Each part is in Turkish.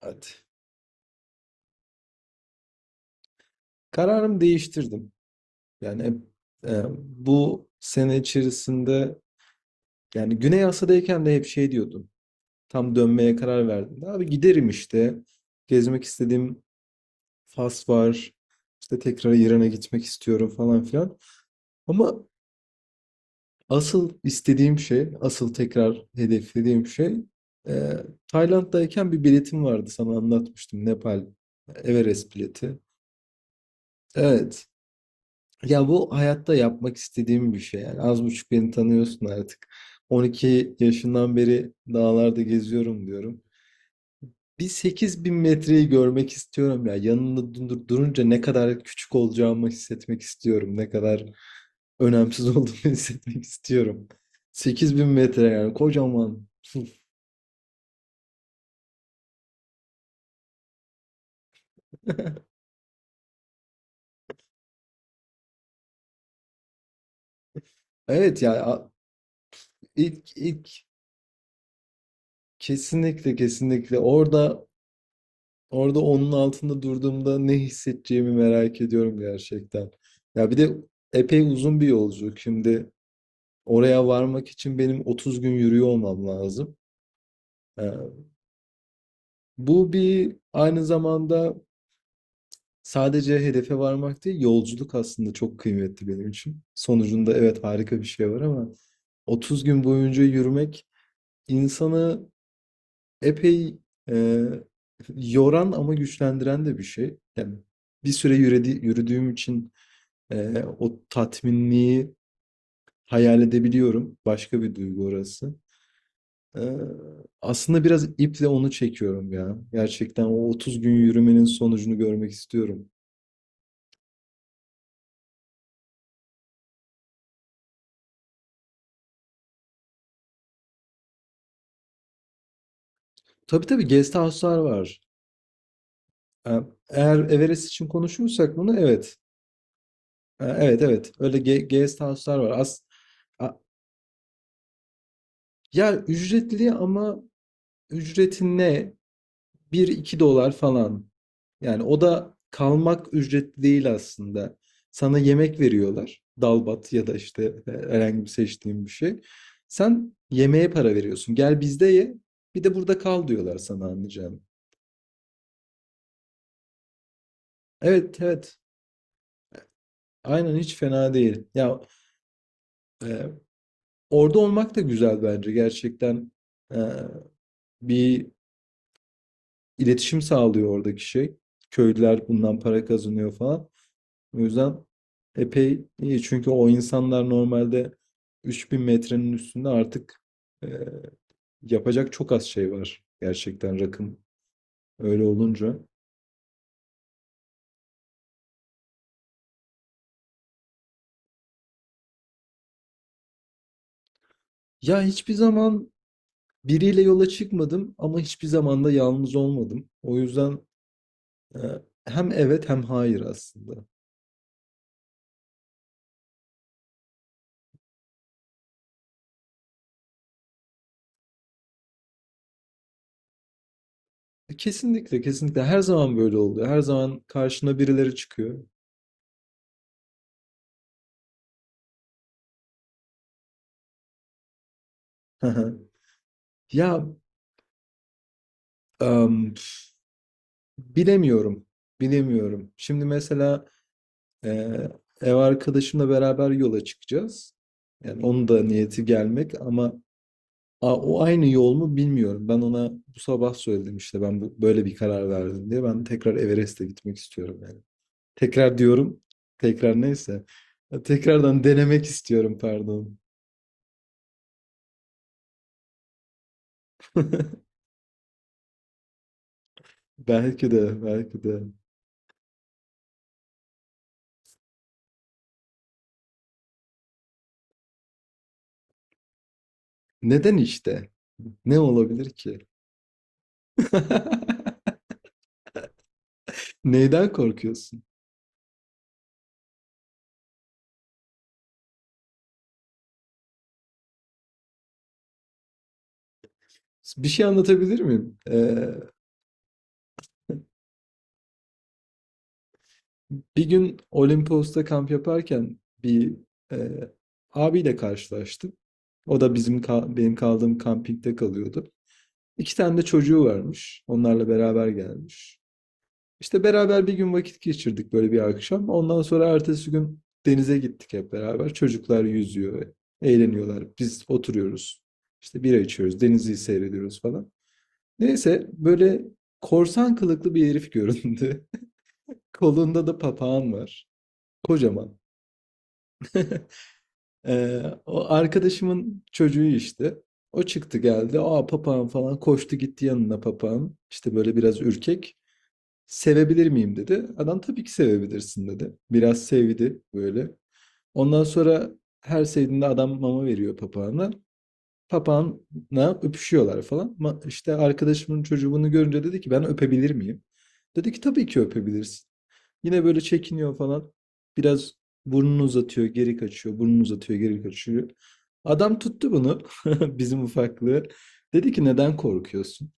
Hadi. Kararımı değiştirdim. Yani hep, bu sene içerisinde yani Güney Asya'dayken de hep şey diyordum. Tam dönmeye karar verdim. Abi giderim işte. Gezmek istediğim Fas var. İşte tekrar İran'a gitmek istiyorum falan filan. Ama asıl istediğim şey, asıl tekrar hedeflediğim şey e, Tayland'dayken bir biletim vardı, sana anlatmıştım. Nepal Everest bileti. Evet. Ya bu hayatta yapmak istediğim bir şey yani. Az buçuk beni tanıyorsun artık. 12 yaşından beri dağlarda geziyorum diyorum. Bir 8.000 metreyi görmek istiyorum ya. Yanında durunca ne kadar küçük olacağımı hissetmek istiyorum. Ne kadar önemsiz olduğumu hissetmek istiyorum. 8.000 metre yani kocaman. Evet ya, ilk kesinlikle kesinlikle orada. Orada onun altında durduğumda ne hissedeceğimi merak ediyorum gerçekten. Ya bir de epey uzun bir yolculuk. Şimdi oraya varmak için benim 30 gün yürüyor olmam lazım. Ee, Bu bir aynı zamanda sadece hedefe varmak değil, yolculuk aslında çok kıymetli benim için. Sonucunda evet harika bir şey var ama 30 gün boyunca yürümek insanı epey e, yoran ama güçlendiren de bir şey. Yani bir süre yürüdüğüm için o tatminliği hayal edebiliyorum. Başka bir duygu orası. Ee, Aslında biraz iple onu çekiyorum ya. Gerçekten o 30 gün yürümenin sonucunu görmek istiyorum. Tabii tabii, guest house'lar var. Ee, Eğer Everest için konuşuyorsak bunu, evet. Evet evet, öyle guest house'lar var. A- Ya ücretli ama ücreti ne? Bir iki dolar falan. Yani o da kalmak ücretli değil aslında. Sana yemek veriyorlar. Dalbat ya da işte herhangi bir seçtiğin bir şey. Sen yemeğe para veriyorsun. Gel bizde ye. Bir de burada kal diyorlar sana, anlayacağım. Evet evet. Aynen, hiç fena değil. Ya e, orada olmak da güzel bence. Gerçekten e, bir iletişim sağlıyor oradaki şey. Köylüler bundan para kazanıyor falan. O yüzden epey iyi. Çünkü o insanlar normalde 3.000 metrenin üstünde artık e, yapacak çok az şey var. Gerçekten rakım öyle olunca. Ya hiçbir zaman biriyle yola çıkmadım ama hiçbir zaman da yalnız olmadım. O yüzden e, hem evet hem hayır aslında. Kesinlikle kesinlikle her zaman böyle oluyor. Her zaman karşına birileri çıkıyor. Ya em, bilemiyorum. Bilemiyorum. Şimdi mesela Ee, ev arkadaşımla beraber yola çıkacağız. Yani onun da niyeti gelmek ama o aynı yol mu bilmiyorum. Ben ona bu sabah söyledim işte, ben bu, böyle bir karar verdim diye. Ben tekrar Everest'e gitmek istiyorum yani. Tekrar diyorum. Tekrar, neyse. Tekrardan denemek istiyorum, pardon. Belki de, belki de. Neden işte? Ne olabilir ki? Neyden korkuyorsun? Bir şey anlatabilir miyim? Bir gün Olimpos'ta kamp yaparken bir e, abiyle karşılaştım. O da bizim benim kaldığım kampingde kalıyordu. İki tane de çocuğu varmış. Onlarla beraber gelmiş. İşte beraber bir gün vakit geçirdik, böyle bir akşam. Ondan sonra ertesi gün denize gittik hep beraber. Çocuklar yüzüyor, eğleniyorlar. Biz oturuyoruz. İşte bira içiyoruz, denizi seyrediyoruz falan. Neyse, böyle korsan kılıklı bir herif göründü. Kolunda da papağan var. Kocaman. O arkadaşımın çocuğu işte. O çıktı geldi. Aa papağan falan, koştu gitti yanına papağan. İşte böyle biraz ürkek. Sevebilir miyim dedi. Adam tabii ki sevebilirsin dedi. Biraz sevdi böyle. Ondan sonra her sevdiğinde adam mama veriyor papağana. Papağanla öpüşüyorlar falan. İşte arkadaşımın çocuğu bunu görünce dedi ki, ben öpebilir miyim? Dedi ki, tabii ki öpebilirsin. Yine böyle çekiniyor falan. Biraz burnunu uzatıyor, geri kaçıyor. Burnunu uzatıyor, geri kaçıyor. Adam tuttu bunu. Bizim ufaklığı. Dedi ki, neden korkuyorsun?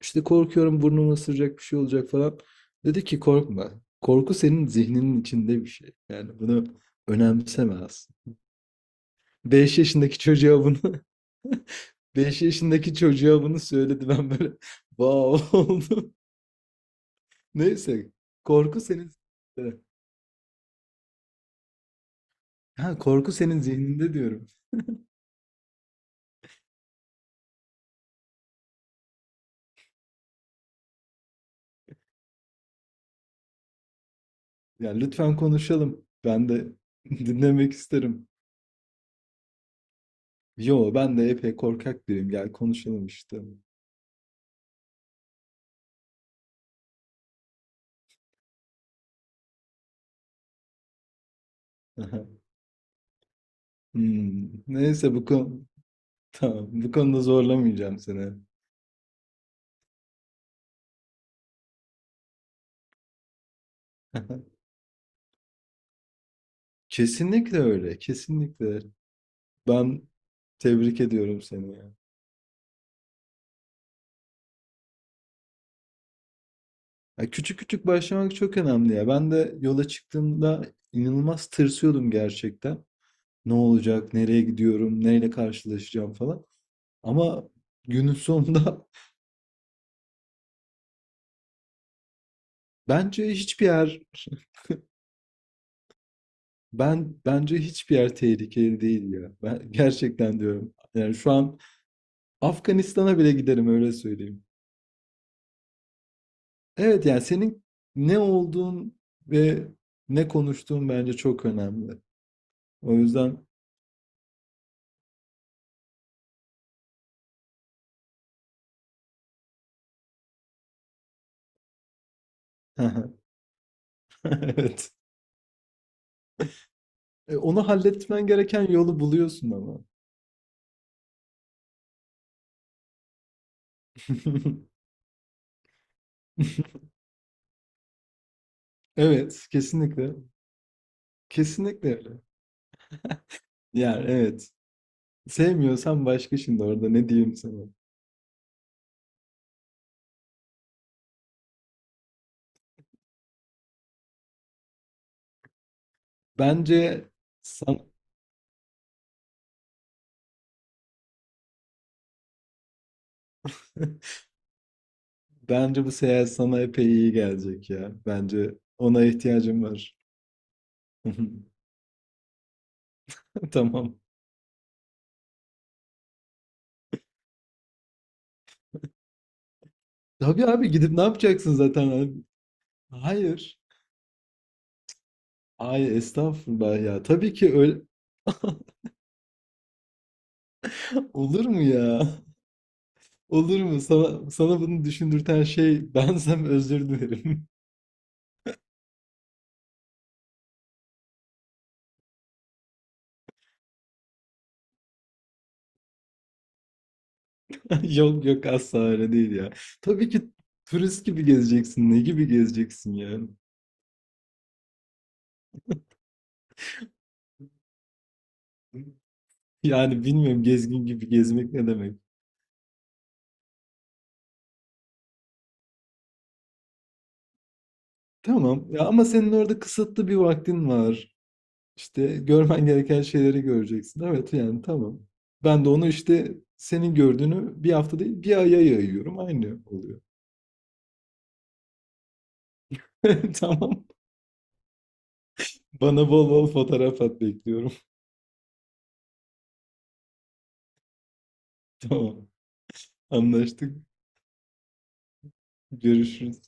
İşte korkuyorum, burnumu ısıracak bir şey olacak falan. Dedi ki, korkma. Korku senin zihninin içinde bir şey. Yani bunu önemseme aslında. 5 yaşındaki çocuğa bunu 5 yaşındaki çocuğa bunu söyledi. Ben böyle wow oldum. Neyse. Korku senin, evet. Ha, korku senin zihninde diyorum. Yani lütfen konuşalım. Ben de dinlemek isterim. Yo, ben de epey korkak biriyim. Gel konuşalım işte. Aha. Hmm, neyse, bu konu tamam, bu konuda zorlamayacağım seni. Kesinlikle öyle. Kesinlikle. Ben tebrik ediyorum seni ya. Ya küçük küçük başlamak çok önemli ya. Ben de yola çıktığımda inanılmaz tırsıyordum gerçekten. Ne olacak? Nereye gidiyorum? Neyle karşılaşacağım falan. Ama günün sonunda bence hiçbir yer ben bence hiçbir yer tehlikeli değil ya. Ben gerçekten diyorum. Yani şu an Afganistan'a bile giderim, öyle söyleyeyim. Evet yani senin ne olduğun ve ne konuştuğun bence çok önemli. O yüzden evet. Onu halletmen gereken yolu buluyorsun ama. Evet, kesinlikle. Kesinlikle öyle. Yani evet. Sevmiyorsan, başka şimdi orada ne diyeyim sana. Bence san bence bu seyahat sana epey iyi gelecek ya. Bence ona ihtiyacım var. Tamam. Tabii abi, gidip ne yapacaksın zaten abi? Hayır. Ay estağfurullah ya. Tabii ki öyle olur mu ya? Olur mu? Sana bunu düşündürten şey bensem özür dilerim. Yok yok, asla öyle değil ya. Tabii ki turist gibi gezeceksin. Ne gibi gezeceksin ya? Yani bilmiyorum, gezgin gibi gezmek ne demek. Tamam ya, ama senin orada kısıtlı bir vaktin var. İşte görmen gereken şeyleri göreceksin. Evet yani, tamam. Ben de onu işte, senin gördüğünü bir hafta değil bir aya yayıyorum. Aynı oluyor. Tamam. Bana bol bol fotoğraf at, bekliyorum. Tamam. Anlaştık. Görüşürüz.